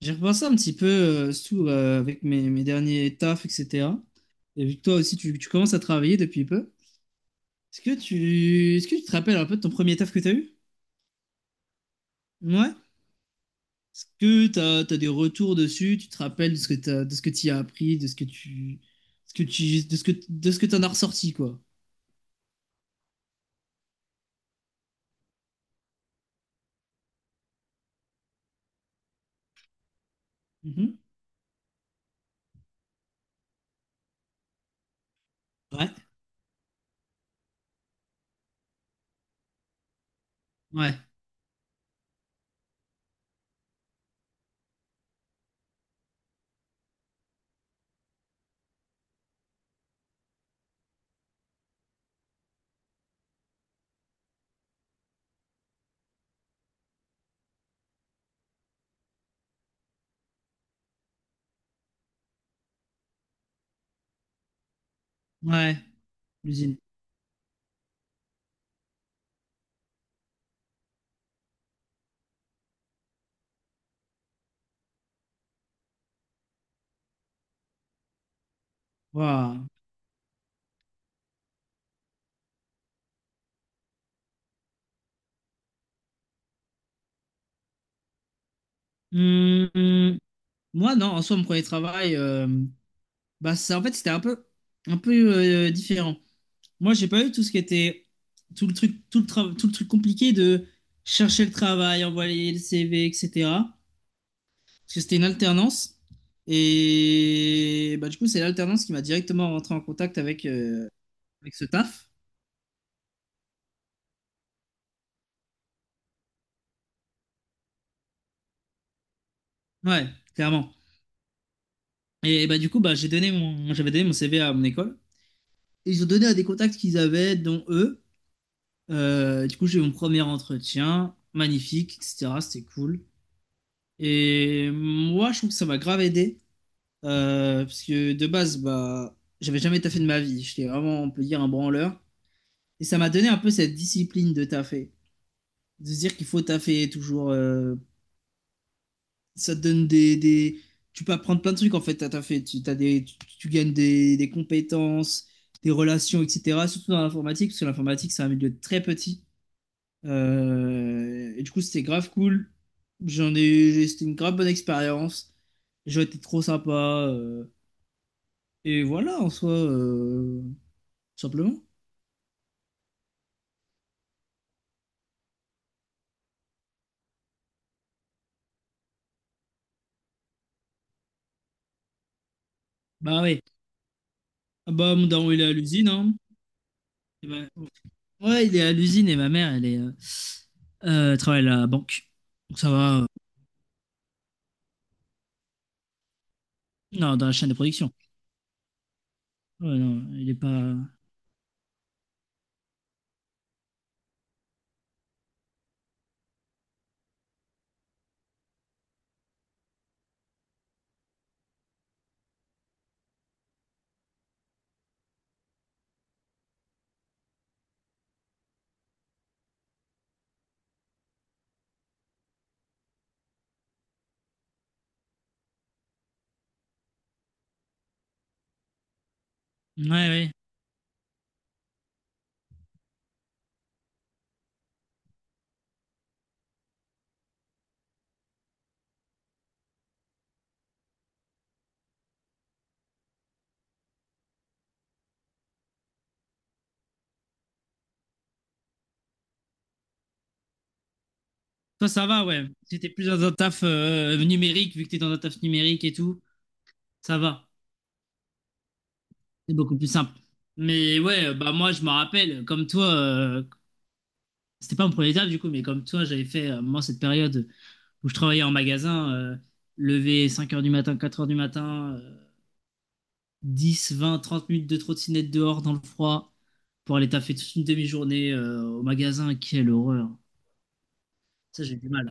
J'ai repensé un petit peu avec mes derniers tafs, etc. Et vu que toi aussi, tu commences à travailler depuis peu, est-ce que est-ce que tu te rappelles un peu de ton premier taf que tu as eu? Ouais. Est-ce que tu as, des retours dessus? Tu te rappelles de ce que de ce que tu as appris, de ce que tu, de ce que tu en as ressorti, quoi. Mhm. Ouais. Ouais. Ouais. L'usine. Waouh. Hum, hum. Moi, non, en soi, mon premier travail, bah, ça, en fait, c'était un peu différent. Moi, j'ai pas eu tout ce qui était tout le truc, tout le truc compliqué de chercher le travail, envoyer le CV, etc. Parce que c'était une alternance. Et bah, du coup, c'est l'alternance qui m'a directement rentré en contact avec, avec ce taf. Ouais, clairement. Et bah, du coup, bah, j'avais donné mon CV à mon école. Et ils ont donné à des contacts qu'ils avaient, dont eux. Du coup, j'ai eu mon premier entretien, magnifique, etc. C'était cool. Et moi, je trouve que ça m'a grave aidé. Parce que de base, bah, j'avais jamais taffé de ma vie. J'étais vraiment, on peut dire, un branleur. Et ça m'a donné un peu cette discipline de taffer. De se dire qu'il faut taffer toujours. Ça te donne des- Tu peux apprendre plein de trucs en fait à taffer. Tu gagnes des compétences, des relations, etc. Surtout dans l'informatique, parce que l'informatique, c'est un milieu très petit. Et du coup, c'était grave cool. C'était une grave bonne expérience. Les gens étaient trop sympas. Et voilà, en soi, simplement. Bah oui. Ah bah, mon daron, il est à l'usine, hein. Et bah, ouais, il est à l'usine et ma mère, elle travaille à la banque. Donc ça va. Non, dans la chaîne de production. Ouais, non, il est pas. Ouais, ouais. Toi, ça va, ouais. Si t'es plus dans un taf numérique, vu que t'es dans un taf numérique et tout, ça va. C'est beaucoup plus simple. Mais ouais, bah moi, je me rappelle, comme toi, c'était pas mon premier taf du coup, mais comme toi, j'avais fait, moi, cette période où je travaillais en magasin, lever 5 heures du matin, 4 heures du matin. 10 20 30 minutes de trottinette dehors dans le froid pour aller taffer toute une demi-journée au magasin. Quelle horreur. Ça, j'ai du mal.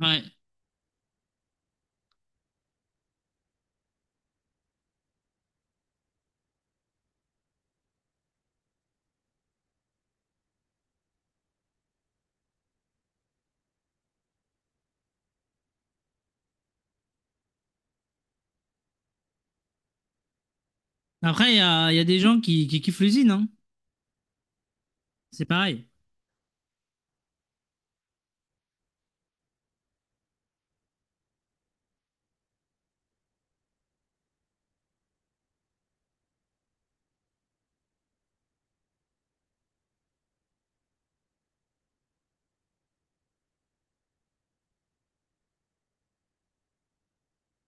Ouais. Après, il y a des gens qui kiffent l'usine, hein. C'est pareil.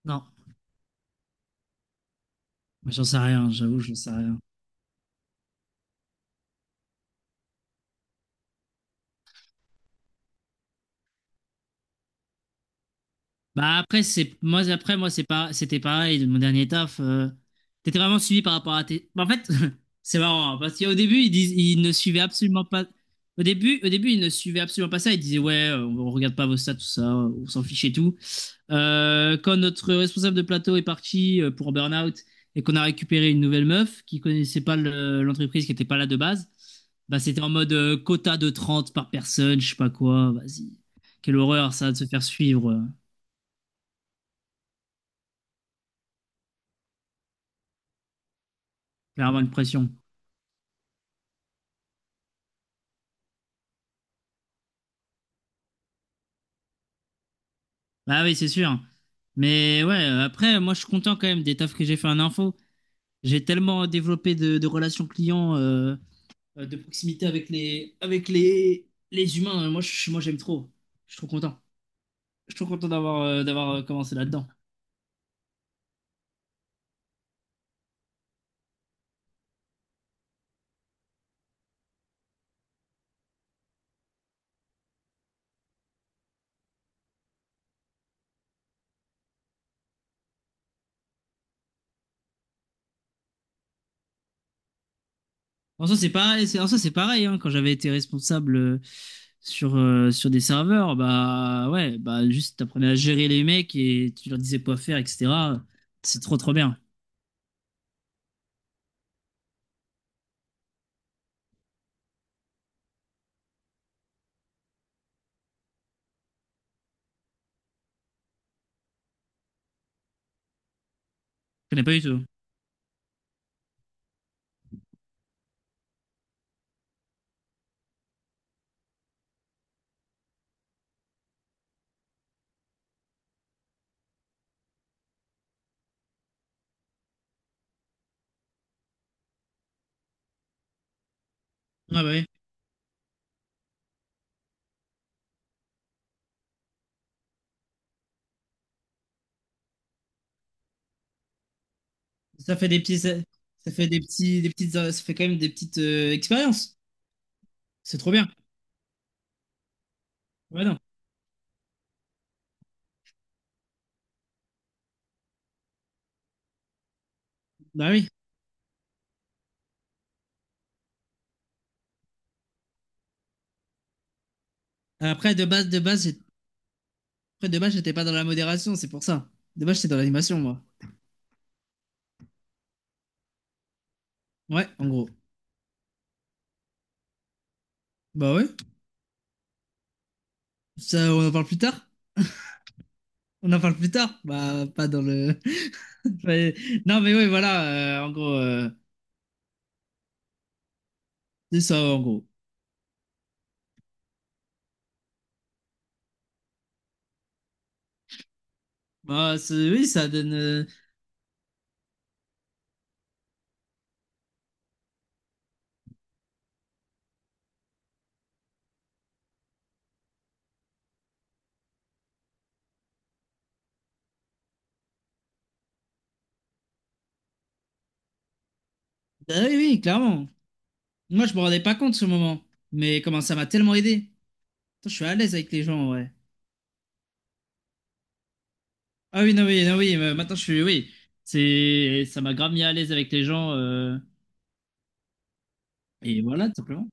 Non, moi, j'en sais rien, j'avoue, j'en sais rien. Bah après c'est moi après moi c'est pas c'était pareil de mon dernier taf, t'étais vraiment suivi par rapport à tes. Bah, en fait c'est marrant hein, parce qu'au début ils ne suivaient absolument pas au début ils ne suivaient absolument pas ça, ils disaient ouais, on regarde pas vos stats tout ça, on s'en fiche et tout. Quand notre responsable de plateau est parti pour burn-out et qu'on a récupéré une nouvelle meuf qui connaissait pas l'entreprise, qui était pas là de base, bah c'était en mode quota de 30 par personne, je sais pas quoi, vas-y, quelle horreur ça de se faire suivre. Clairement une pression. Bah oui, c'est sûr. Mais ouais, après, moi, je suis content quand même des tafs que j'ai fait en info. J'ai tellement développé de relations clients, de proximité avec les humains. Moi, j'aime trop. Je suis trop content. Je suis trop content d'avoir commencé là-dedans. En soi, c'est pareil. En soi, c'est pareil. Hein. Quand j'avais été responsable sur des serveurs, bah ouais, bah juste t'apprenais à gérer les mecs et tu leur disais quoi faire, etc. C'est trop trop bien. Je connais pas du tout. Ah bah oui. Ça fait des petits, ça fait des petits, des petites, ça fait quand même des petites expériences. C'est trop bien. Ouais, non. Bah oui. De base, de base, j'étais pas dans la modération, c'est pour ça. De base, j'étais dans l'animation, moi. Ouais, en gros. Bah ouais. Ça, on en parle plus tard. On en parle plus tard. Bah, pas dans le. Ouais. Non, mais oui, voilà. En gros, c'est ça, en gros. Oui, ça donne. Bah oui, oui, clairement. Moi, je me rendais pas compte ce moment. Mais comment ça m'a tellement aidé. Putain, je suis à l'aise avec les gens, ouais. Ah oui, non, oui, non, oui, maintenant je suis, oui, ça m'a grave mis à l'aise avec les gens, et voilà, tout simplement.